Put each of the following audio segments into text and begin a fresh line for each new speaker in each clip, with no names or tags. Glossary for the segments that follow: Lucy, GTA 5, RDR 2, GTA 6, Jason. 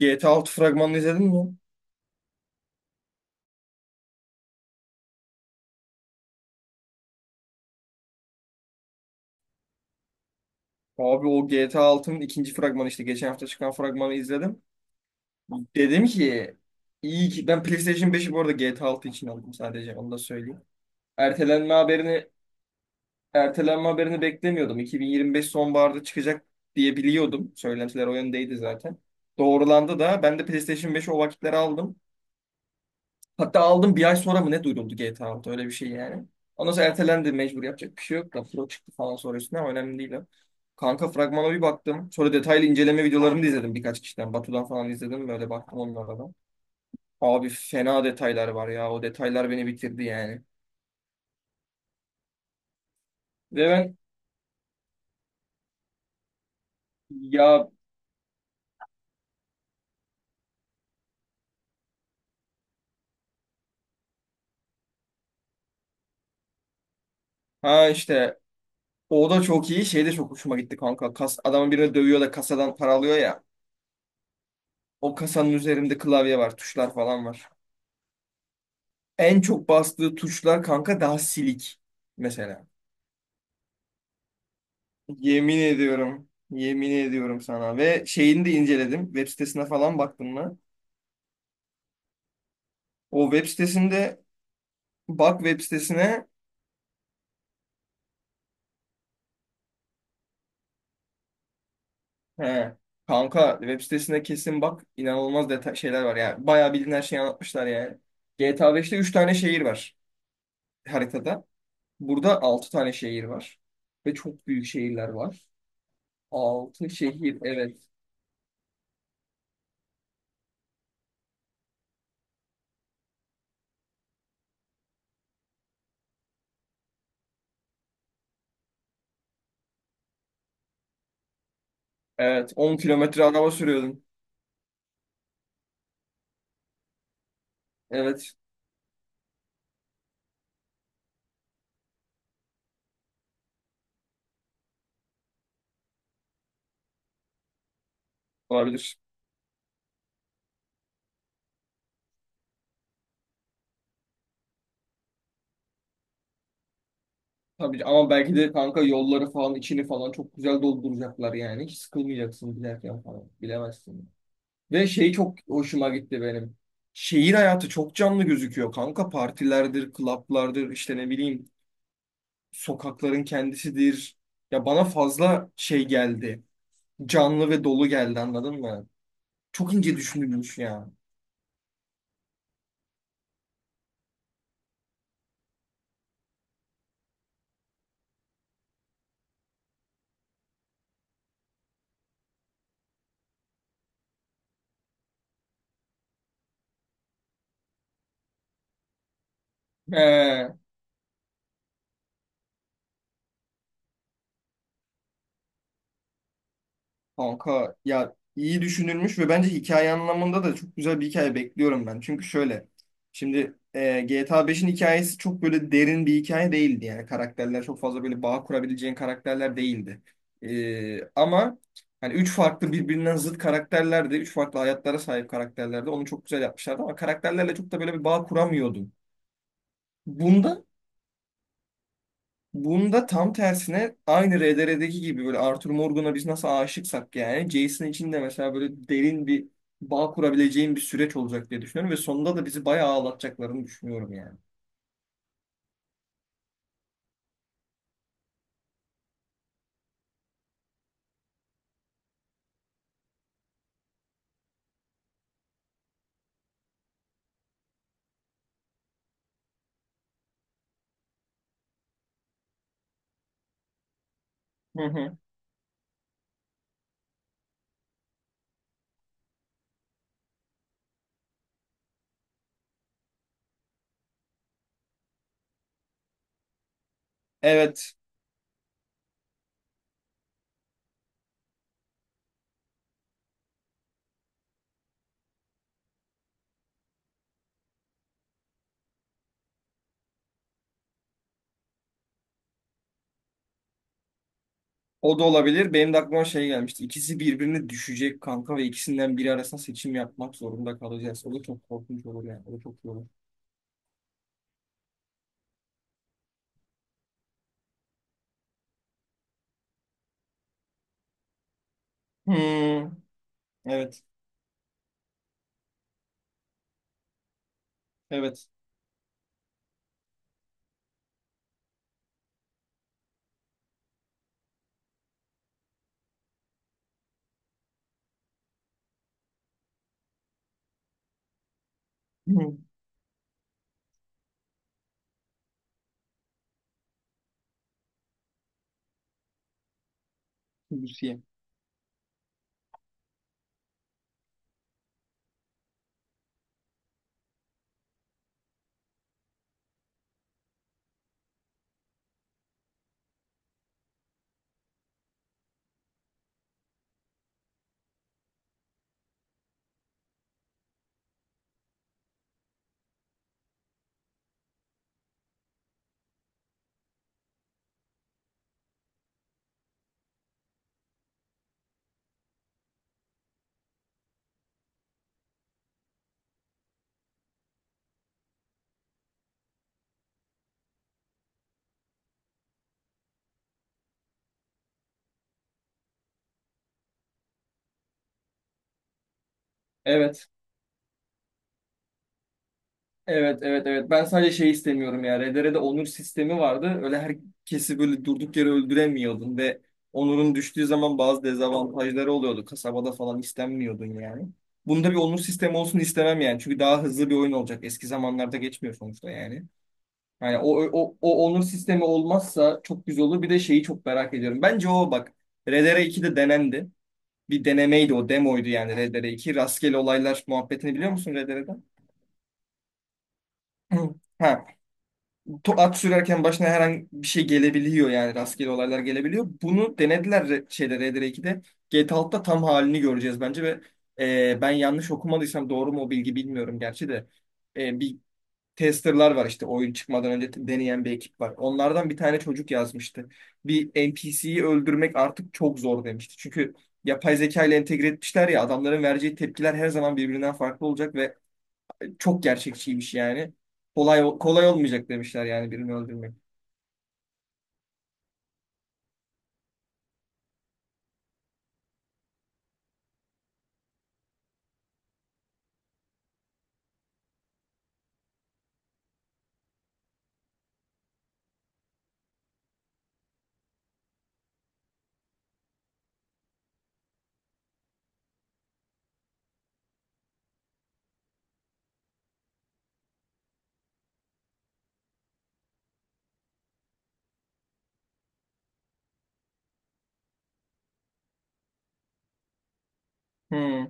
GTA 6 fragmanını izledin mi? Abi o GTA 6'nın ikinci fragmanı işte geçen hafta çıkan fragmanı izledim. Dedim ki iyi ki ben PlayStation 5'i bu arada GTA 6 için aldım, sadece onu da söyleyeyim. Ertelenme haberini ertelenme haberini beklemiyordum. 2025 sonbaharda çıkacak diye biliyordum. Söylentiler o yöndeydi zaten. Doğrulandı da ben de PlayStation 5'i o vakitlere aldım. Hatta aldım bir ay sonra mı ne duyuruldu GTA 6, öyle bir şey yani. Ondan sonra ertelendi, mecbur, yapacak bir şey yok da Pro çıktı falan sonra üstüne ama önemli değil o. Kanka fragmana bir baktım. Sonra detaylı inceleme videolarını da izledim birkaç kişiden. Batu'dan falan izledim, böyle baktım onlara da. Abi fena detaylar var ya, o detaylar beni bitirdi yani. Ve ben ya ha işte, o da çok iyi, şey de çok hoşuma gitti kanka. Adamın birini dövüyor da kasadan para alıyor ya. O kasanın üzerinde klavye var, tuşlar falan var. En çok bastığı tuşlar kanka daha silik mesela. Yemin ediyorum. Yemin ediyorum sana. Ve şeyini de inceledim. Web sitesine falan baktım mı? O web sitesinde bak web sitesine. He. Kanka web sitesine kesin bak. İnanılmaz detay şeyler var. Yani bayağı bildiğin her şeyi anlatmışlar yani. GTA 5'te 3 tane şehir var haritada. Burada 6 tane şehir var. Ve çok büyük şehirler var. 6 şehir evet. Evet, 10 kilometre araba sürüyordum. Evet, olabilir. Tabii ki. Ama belki de kanka yolları falan içini falan çok güzel dolduracaklar yani. Hiç sıkılmayacaksın giderken falan. Bilemezsin. Ve şey çok hoşuma gitti benim. Şehir hayatı çok canlı gözüküyor kanka. Partilerdir, klaplardır, işte ne bileyim sokakların kendisidir. Ya bana fazla şey geldi. Canlı ve dolu geldi, anladın mı? Çok ince düşünülmüş ya. He. Kanka ya iyi düşünülmüş ve bence hikaye anlamında da çok güzel bir hikaye bekliyorum ben. Çünkü şöyle şimdi GTA 5'in hikayesi çok böyle derin bir hikaye değildi. Yani karakterler çok fazla böyle bağ kurabileceğin karakterler değildi. Ama hani üç farklı birbirinden zıt karakterlerdi. Üç farklı hayatlara sahip karakterlerdi. Onu çok güzel yapmışlardı ama karakterlerle çok da böyle bir bağ kuramıyordum. Bunda Bunda tam tersine aynı RDR'deki gibi, böyle Arthur Morgan'a biz nasıl aşıksak, yani Jason için de mesela böyle derin bir bağ kurabileceğim bir süreç olacak diye düşünüyorum ve sonunda da bizi bayağı ağlatacaklarını düşünüyorum yani. Hı hı. Evet, o da olabilir. Benim de aklıma şey gelmişti. İkisi birbirine düşecek kanka ve ikisinden biri arasında seçim yapmak zorunda kalacağız. O da çok korkunç olur yani. O da çok iyi olur. Hmm, evet, evet. Hı. Lucy. Evet. Evet evet evet. Ben sadece şey istemiyorum ya. RDR'de onur sistemi vardı. Öyle herkesi böyle durduk yere öldüremiyordun ve onurun düştüğü zaman bazı dezavantajları oluyordu. Kasabada falan istenmiyordun yani. Bunda bir onur sistemi olsun istemem yani. Çünkü daha hızlı bir oyun olacak. Eski zamanlarda geçmiyor sonuçta yani. Yani o onur sistemi olmazsa çok güzel olur. Bir de şeyi çok merak ediyorum. Bence o bak RDR 2'de denendi. Bir denemeydi o demoydu yani RDR 2. Rastgele olaylar muhabbetini biliyor musun R D R'den? Ha. At sürerken başına herhangi bir şey gelebiliyor yani rastgele olaylar gelebiliyor. Bunu denediler şeyde Red Dead 2'de. GTA 6'da tam halini göreceğiz bence ve ben yanlış okumadıysam, doğru mu o bilgi bilmiyorum gerçi de. Bir testerlar var işte oyun çıkmadan önce deneyen bir ekip var. Onlardan bir tane çocuk yazmıştı. Bir NPC'yi öldürmek artık çok zor demişti. Çünkü yapay zeka ile entegre etmişler ya, adamların vereceği tepkiler her zaman birbirinden farklı olacak ve çok gerçekçiymiş yani. Kolay kolay olmayacak demişler yani birini öldürmek. Hmm,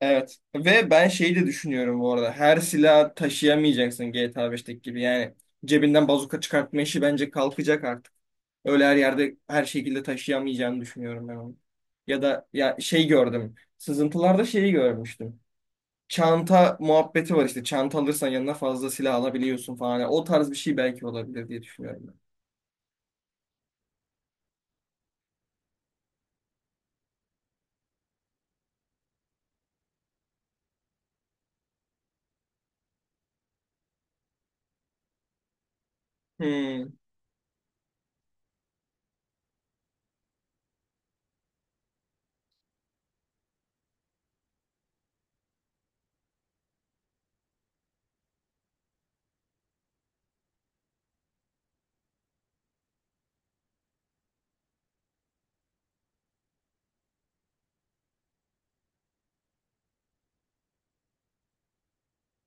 evet. Ve ben şeyi de düşünüyorum bu arada. Her silah taşıyamayacaksın GTA 5'teki gibi. Yani cebinden bazuka çıkartma işi bence kalkacak artık. Öyle her yerde her şekilde taşıyamayacağını düşünüyorum ben onu. Ya da ya şey gördüm. Sızıntılarda şeyi görmüştüm. Çanta muhabbeti var işte. Çanta alırsan yanına fazla silah alabiliyorsun falan. Yani o tarz bir şey belki olabilir diye düşünüyorum ben. Hmm.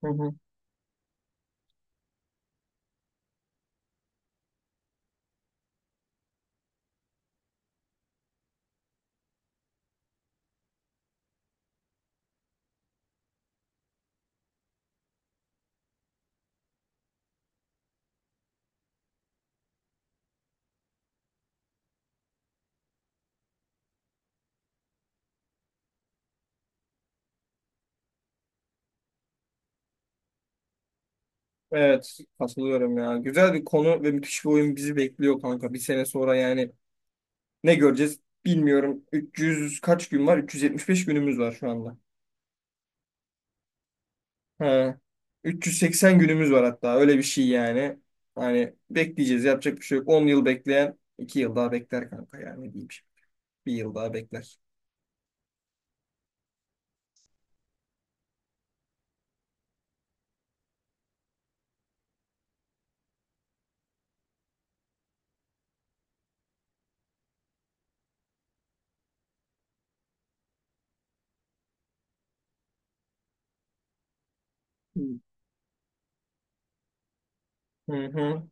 Hı hı. Evet, katılıyorum ya. Güzel bir konu ve müthiş bir oyun bizi bekliyor kanka. Bir sene sonra yani. Ne göreceğiz bilmiyorum. 300 kaç gün var? 375 günümüz var şu anda. He. 380 günümüz var hatta, öyle bir şey yani. Hani bekleyeceğiz, yapacak bir şey yok. 10 yıl bekleyen 2 yıl daha bekler kanka yani ne diyeyim şimdi. Bir yıl daha bekler. Hı hı.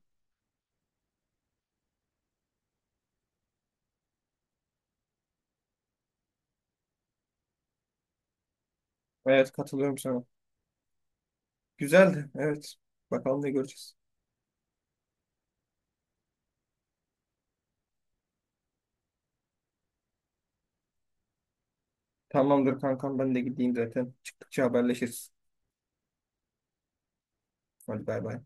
Evet katılıyorum sana. Güzeldi evet. Bakalım ne göreceğiz. Tamamdır kankam ben de gideyim zaten. Çıktıkça haberleşiriz. Hadi bay bay.